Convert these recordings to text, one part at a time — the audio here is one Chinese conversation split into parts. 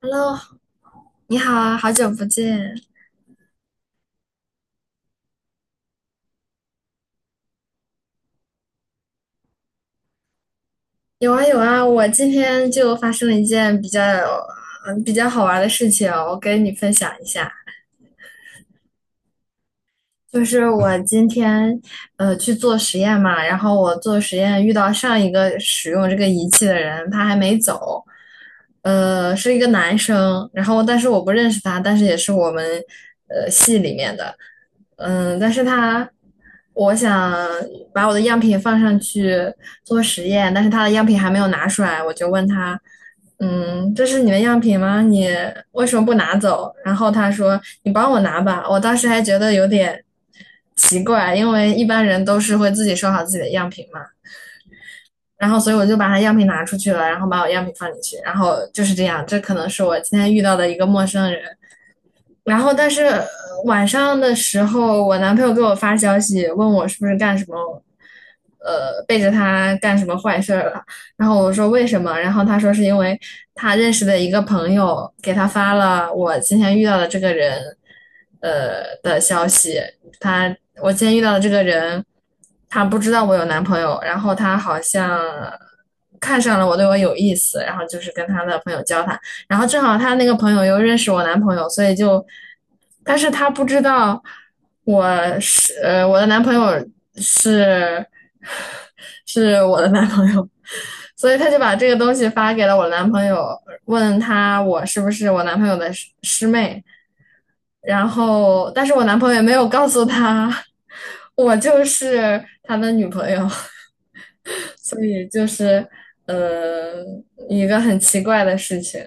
Hello，你好啊，好久不见。有啊有啊，我今天就发生了一件比较比较好玩的事情哦，我跟你分享一下。就是我今天去做实验嘛，然后我做实验遇到上一个使用这个仪器的人，他还没走，是一个男生，然后但是我不认识他，但是也是我们系里面的，嗯，但是他。我想把我的样品放上去做实验，但是他的样品还没有拿出来，我就问他，嗯，这是你的样品吗？你为什么不拿走？然后他说：“你帮我拿吧。”我当时还觉得有点奇怪，因为一般人都是会自己收好自己的样品嘛，然后所以我就把它样品拿出去了，然后把我样品放进去，然后就是这样，这可能是我今天遇到的一个陌生人，然后但是晚上的时候，我男朋友给我发消息问我是不是干什么，背着他干什么坏事儿了。然后我说为什么？然后他说是因为他认识的一个朋友给他发了我今天遇到的这个人，的消息。他我今天遇到的这个人，他不知道我有男朋友，然后他好像看上了我，对我有意思，然后就是跟他的朋友交谈。然后正好他那个朋友又认识我男朋友，所以就，但是他不知道我我的男朋友是 是我的男朋友，所以他就把这个东西发给了我男朋友，问他我是不是我男朋友的师妹，然后但是我男朋友也没有告诉他 我就是他的女朋友，所以就是呃一个很奇怪的事情。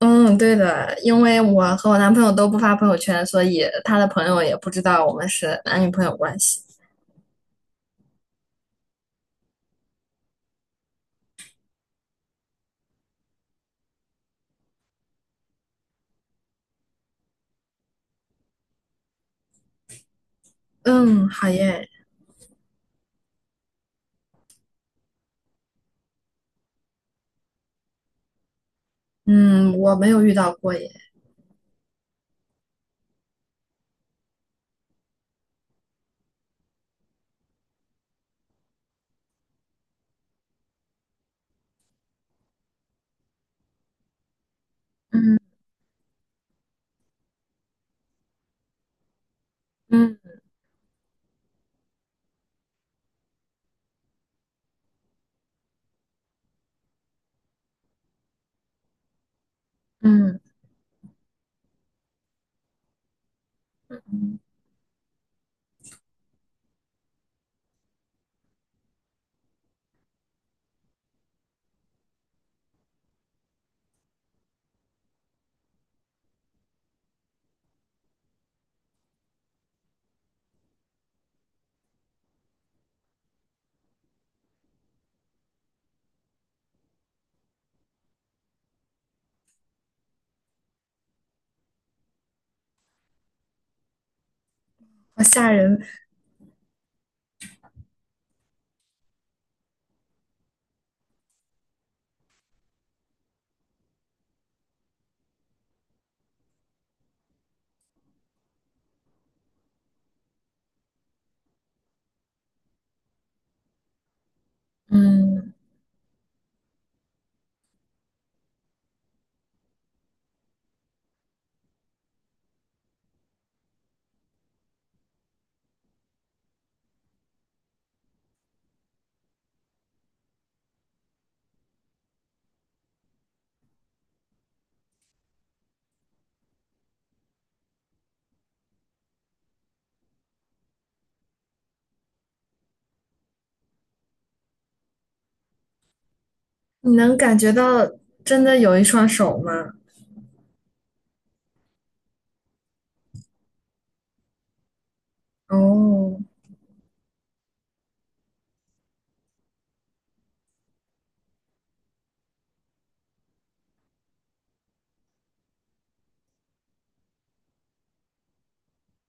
嗯，对的，因为我和我男朋友都不发朋友圈，所以他的朋友也不知道我们是男女朋友关系。嗯，好耶。嗯，我没有遇到过耶。嗯嗯嗯，嗯好吓人。嗯，你能感觉到真的有一双手吗？哦，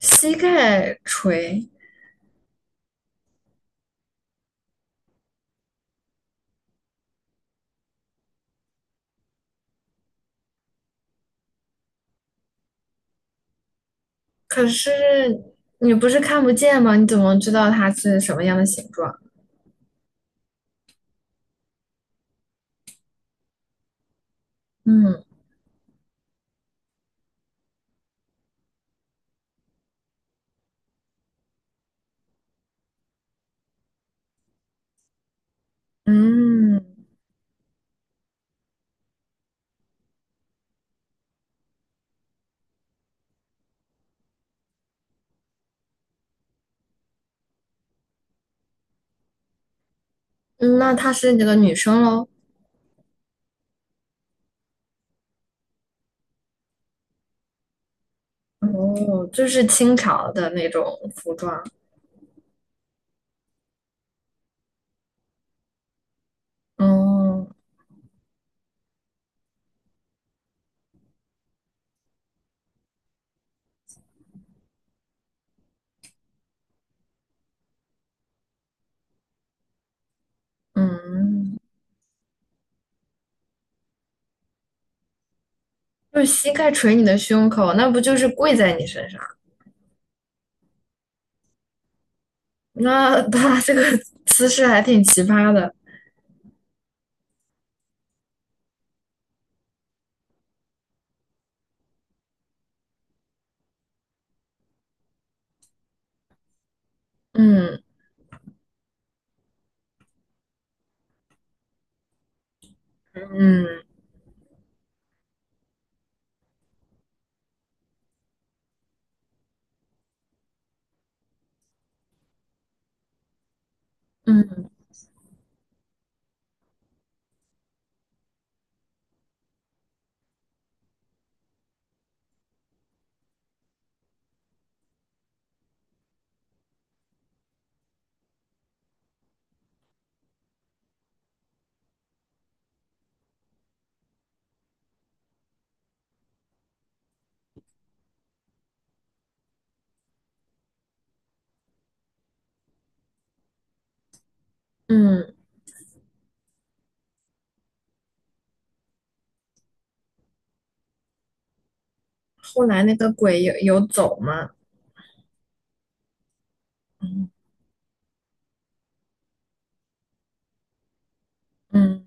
膝盖垂。可是你不是看不见吗？你怎么知道它是什么样的形状？嗯嗯，嗯那她是你的女生喽？哦，就是清朝的那种服装。哦，嗯，就是膝盖捶你的胸口，那不就是跪在你身上？那他 这个姿势还挺奇葩的。嗯嗯嗯嗯。后来那个鬼有走吗？嗯嗯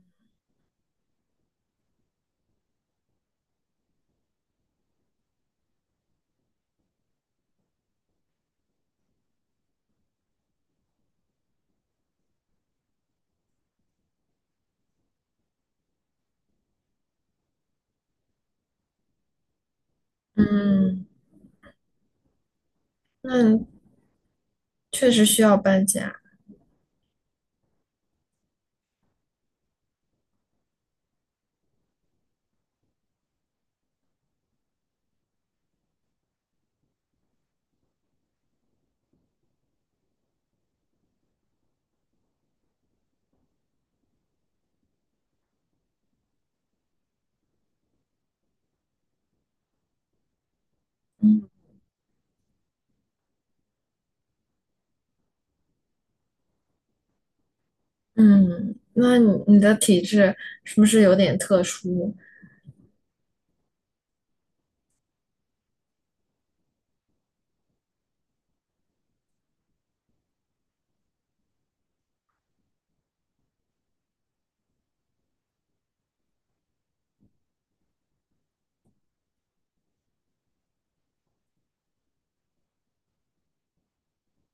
嗯，那确实需要搬家。嗯嗯，那你的体质是不是有点特殊？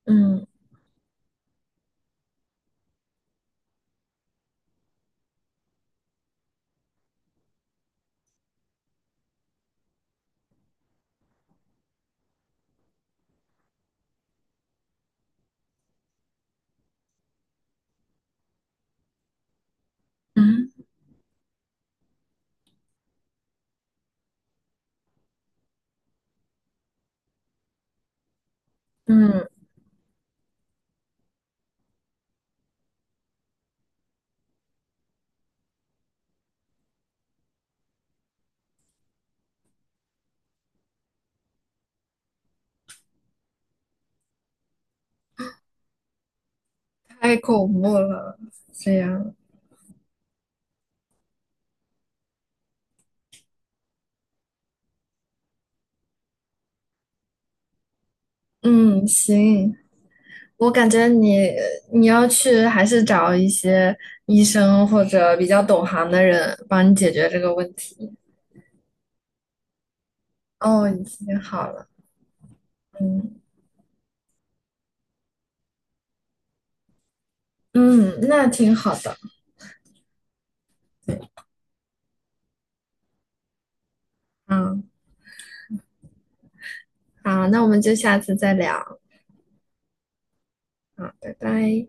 嗯嗯嗯，太恐怖了，这样。嗯，行，我感觉你要去还是找一些医生或者比较懂行的人帮你解决这个问题。哦，已经好了，嗯嗯，那挺好的，嗯，好，那我们就下次再聊，嗯，拜拜。